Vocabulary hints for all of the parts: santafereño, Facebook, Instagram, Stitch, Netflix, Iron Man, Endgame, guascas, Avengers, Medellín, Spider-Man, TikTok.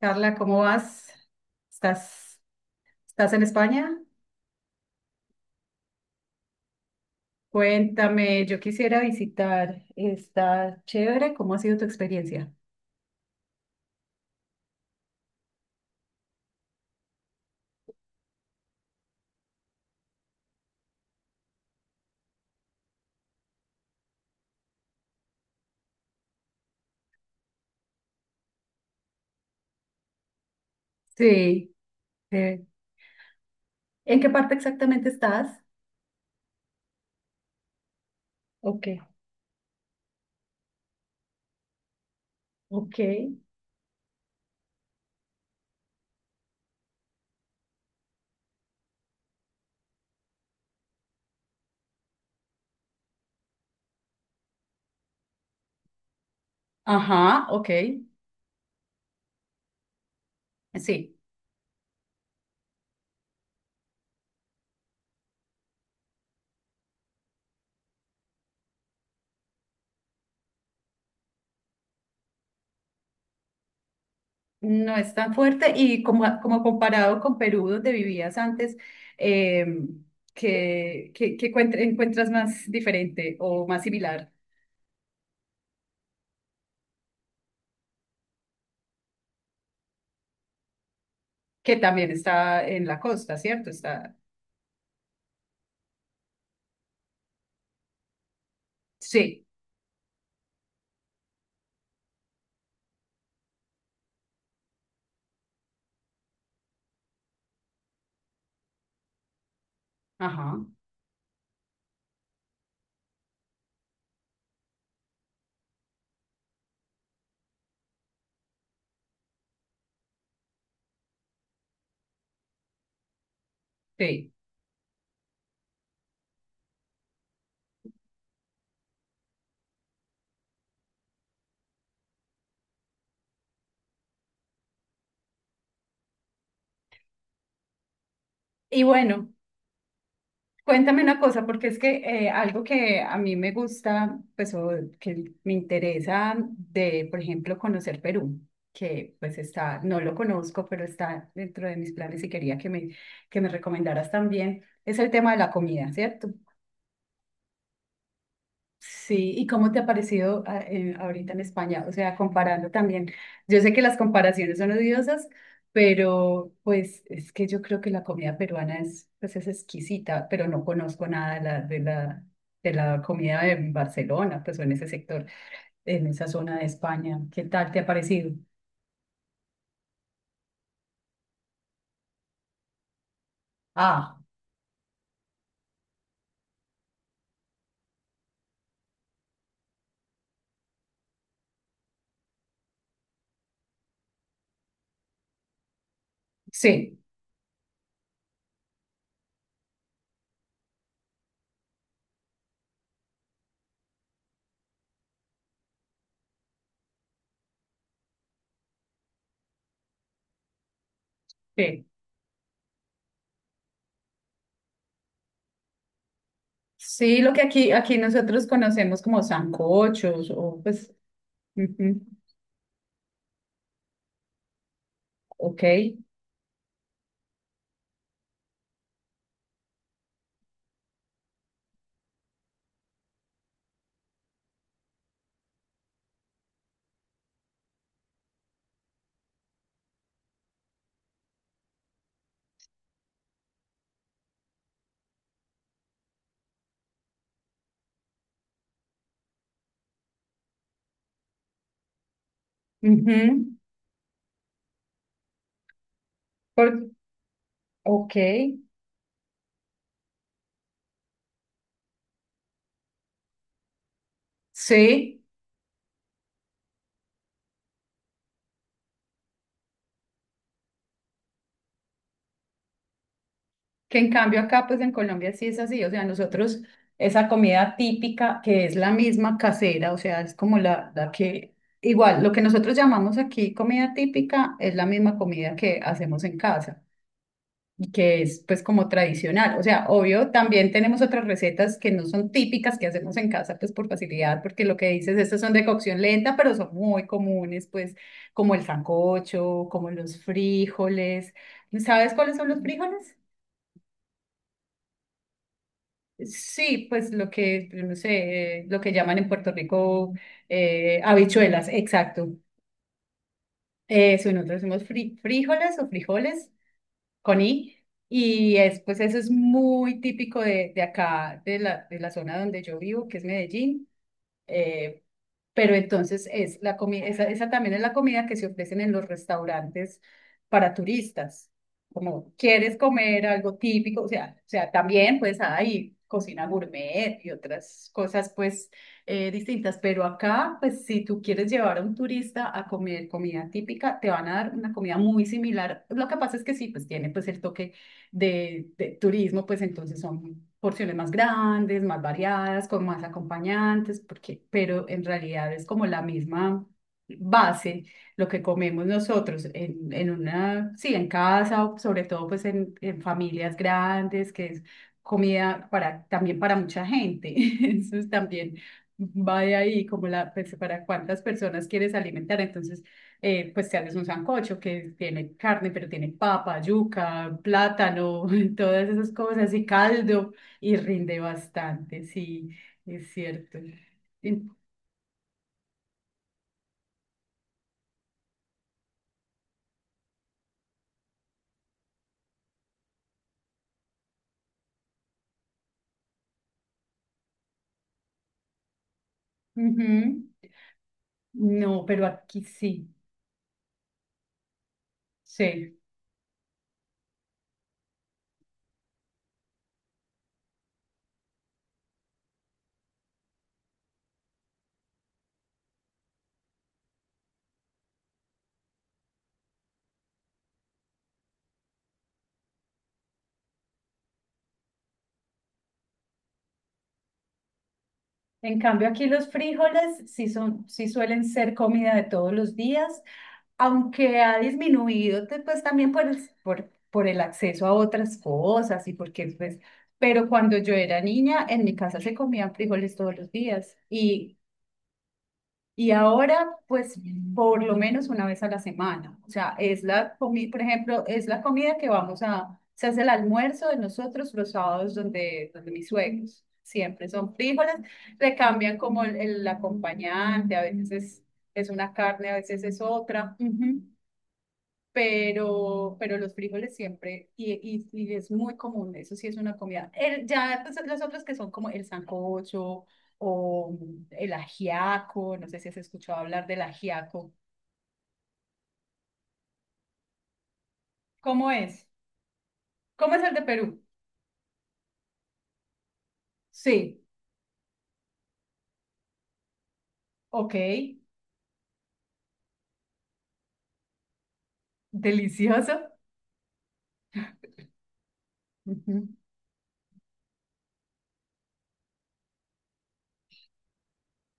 Carla, ¿cómo vas? ¿Estás, estás en España? Cuéntame, yo quisiera visitar. Está chévere. ¿Cómo ha sido tu experiencia? Sí. eh, ¿En qué parte exactamente estás? Ok. Ok. Ajá, ok. Sí, no es tan fuerte. Y como comparado con Perú, donde vivías antes, eh, encuentras más diferente o más similar? Que también está en la costa, ¿cierto? Está. Sí. Ajá. Sí. Y bueno, cuéntame una cosa, porque es que algo que a mí me gusta, pues o que me interesa de, por ejemplo, conocer Perú, que pues está, no lo conozco, pero está dentro de mis planes y quería que me recomendaras también, es el tema de la comida, ¿cierto? Sí, ¿y cómo te ha parecido ahorita en España? O sea, comparando también. Yo sé que las comparaciones son odiosas, pero pues es que yo creo que la comida peruana es, pues, es exquisita, pero no conozco nada de la comida de Barcelona, pues o en ese sector, en esa zona de España. ¿Qué tal te ha parecido? Ah, sí, sí. Sí, lo que aquí nosotros conocemos como sancochos o pues, ujú, ok. Ujú, por- ok. Sí, que en cambio acá, pues en Colombia sí es así, o sea, nosotros esa comida típica que es la misma casera, o sea, es como la que, igual, lo que nosotros llamamos aquí comida típica es la misma comida que hacemos en casa y que es pues como tradicional, o sea, obvio, también tenemos otras recetas que no son típicas que hacemos en casa pues por facilidad, porque lo que dices, estas son de cocción lenta, pero son muy comunes, pues como el sancocho, como los frijoles. ¿Sabes cuáles son los frijoles? Sí, pues lo que, no sé, lo que llaman en Puerto Rico, habichuelas, exacto. Eso, nosotros decimos frijoles o frijoles con i. Y es, pues eso es muy típico de acá, de la zona donde yo vivo, que es Medellín. Eh, pero entonces es la comida, esa también es la comida que se ofrecen en los restaurantes para turistas. Como quieres comer algo típico, o sea, también pues hay cocina gourmet y otras cosas pues distintas, pero acá pues si tú quieres llevar a un turista a comer comida típica, te van a dar una comida muy similar. Lo que pasa es que sí, pues tiene pues el toque de turismo, pues entonces son porciones más grandes, más variadas, con más acompañantes, porque, pero en realidad es como la misma base lo que comemos nosotros en una, sí, en casa, o sobre todo pues en familias grandes, que es comida para, también para mucha gente. Entonces también va de ahí como la, pues, para cuántas personas quieres alimentar. Entonces pues te haces un sancocho que tiene carne, pero tiene papa, yuca, plátano, todas esas cosas y caldo y rinde bastante, sí, es cierto. En- Ujú. No, pero aquí sí, sí. En cambio, aquí los frijoles sí son, sí suelen ser comida de todos los días, aunque ha disminuido pues también por el acceso a otras cosas y porque pues, pero cuando yo era niña en mi casa se comían frijoles todos los días y ahora pues por lo menos una vez a la semana. O sea, es la comida, por ejemplo, es la comida que vamos a, se hace el almuerzo de nosotros los sábados donde, donde mis suegros. Siempre son frijoles, le cambian como el acompañante, a veces es una carne, a veces es otra. Ujú, pero los frijoles siempre, y es muy común, eso sí es una comida. Ya pues, las otras que son como el sancocho o el ajiaco, no sé si has escuchado hablar del ajiaco. ¿Cómo es? ¿Cómo es el de Perú? Sí, ok, delicioso. Ujú.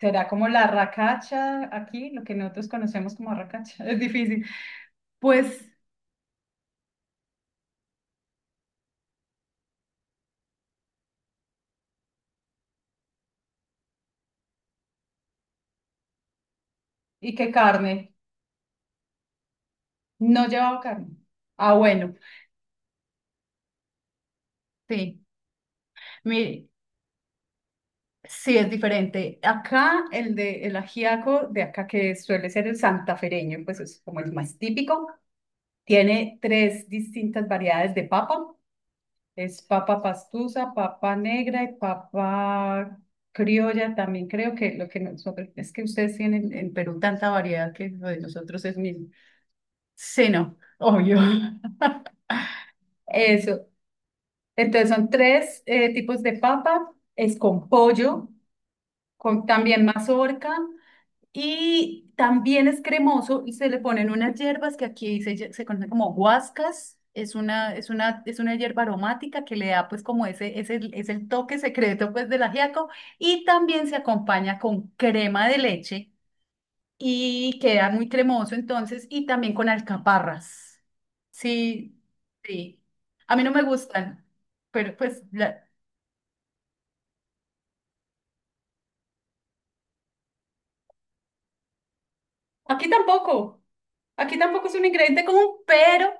Será como la racacha aquí, lo que nosotros conocemos como racacha, es difícil. Pues, ¿y qué carne? No llevaba carne. Ah, bueno, sí. Mire, sí, es diferente. Acá el de el ajiaco de acá que suele ser el santafereño, pues es como el más típico, tiene tres distintas variedades de papa. Es papa pastusa, papa negra y papa criolla. También creo que lo que nosotros es que ustedes tienen en Perú tanta variedad que lo de nosotros es mismo. Sí, no, obvio. Eso. Entonces son tres tipos de papa. Es con pollo, con también mazorca. Y también es cremoso y se le ponen unas hierbas que aquí se conocen como guascas. Es una hierba aromática que le da pues como es el toque secreto pues del ajiaco. Y también se acompaña con crema de leche y queda muy cremoso entonces y también con alcaparras. Sí, sí. A mí no me gustan, pero pues aquí tampoco. Aquí tampoco es un ingrediente común, pero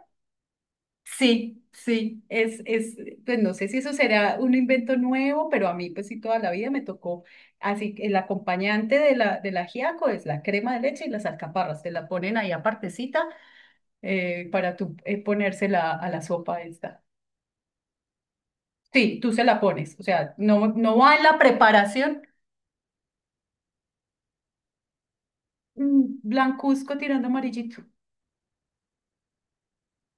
sí, sí, pues no sé si eso será un invento nuevo, pero a mí pues sí toda la vida me tocó, así que el acompañante de la, del ajiaco es la crema de leche y las alcaparras, te la ponen ahí apartecita para tú ponérsela a la sopa esta. Sí, tú se la pones, o sea, no, no va en la preparación. Mm, blancuzco tirando amarillito.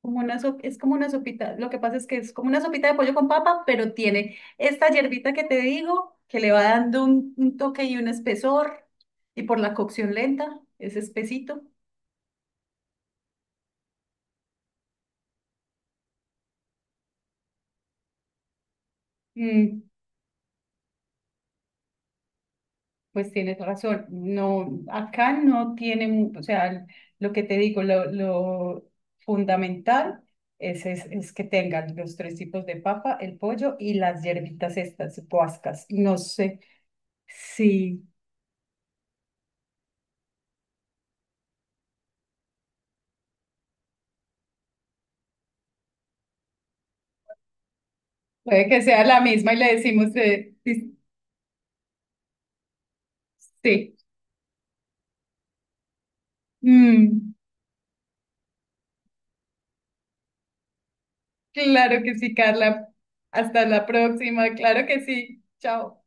Es como una sopita, lo que pasa es que es como una sopita de pollo con papa, pero tiene esta hierbita que te digo, que le va dando un toque y un espesor, y por la cocción lenta, es espesito. Mm, pues tienes razón, no, acá no tienen, o sea, lo que te digo, lo fundamental es, es que tengan los tres tipos de papa, el pollo y las hierbitas estas, puascas, no sé, sí. Puede que sea la misma y le decimos de, sí. Mm, claro que sí, Carla. Hasta la próxima. Claro que sí. Chao.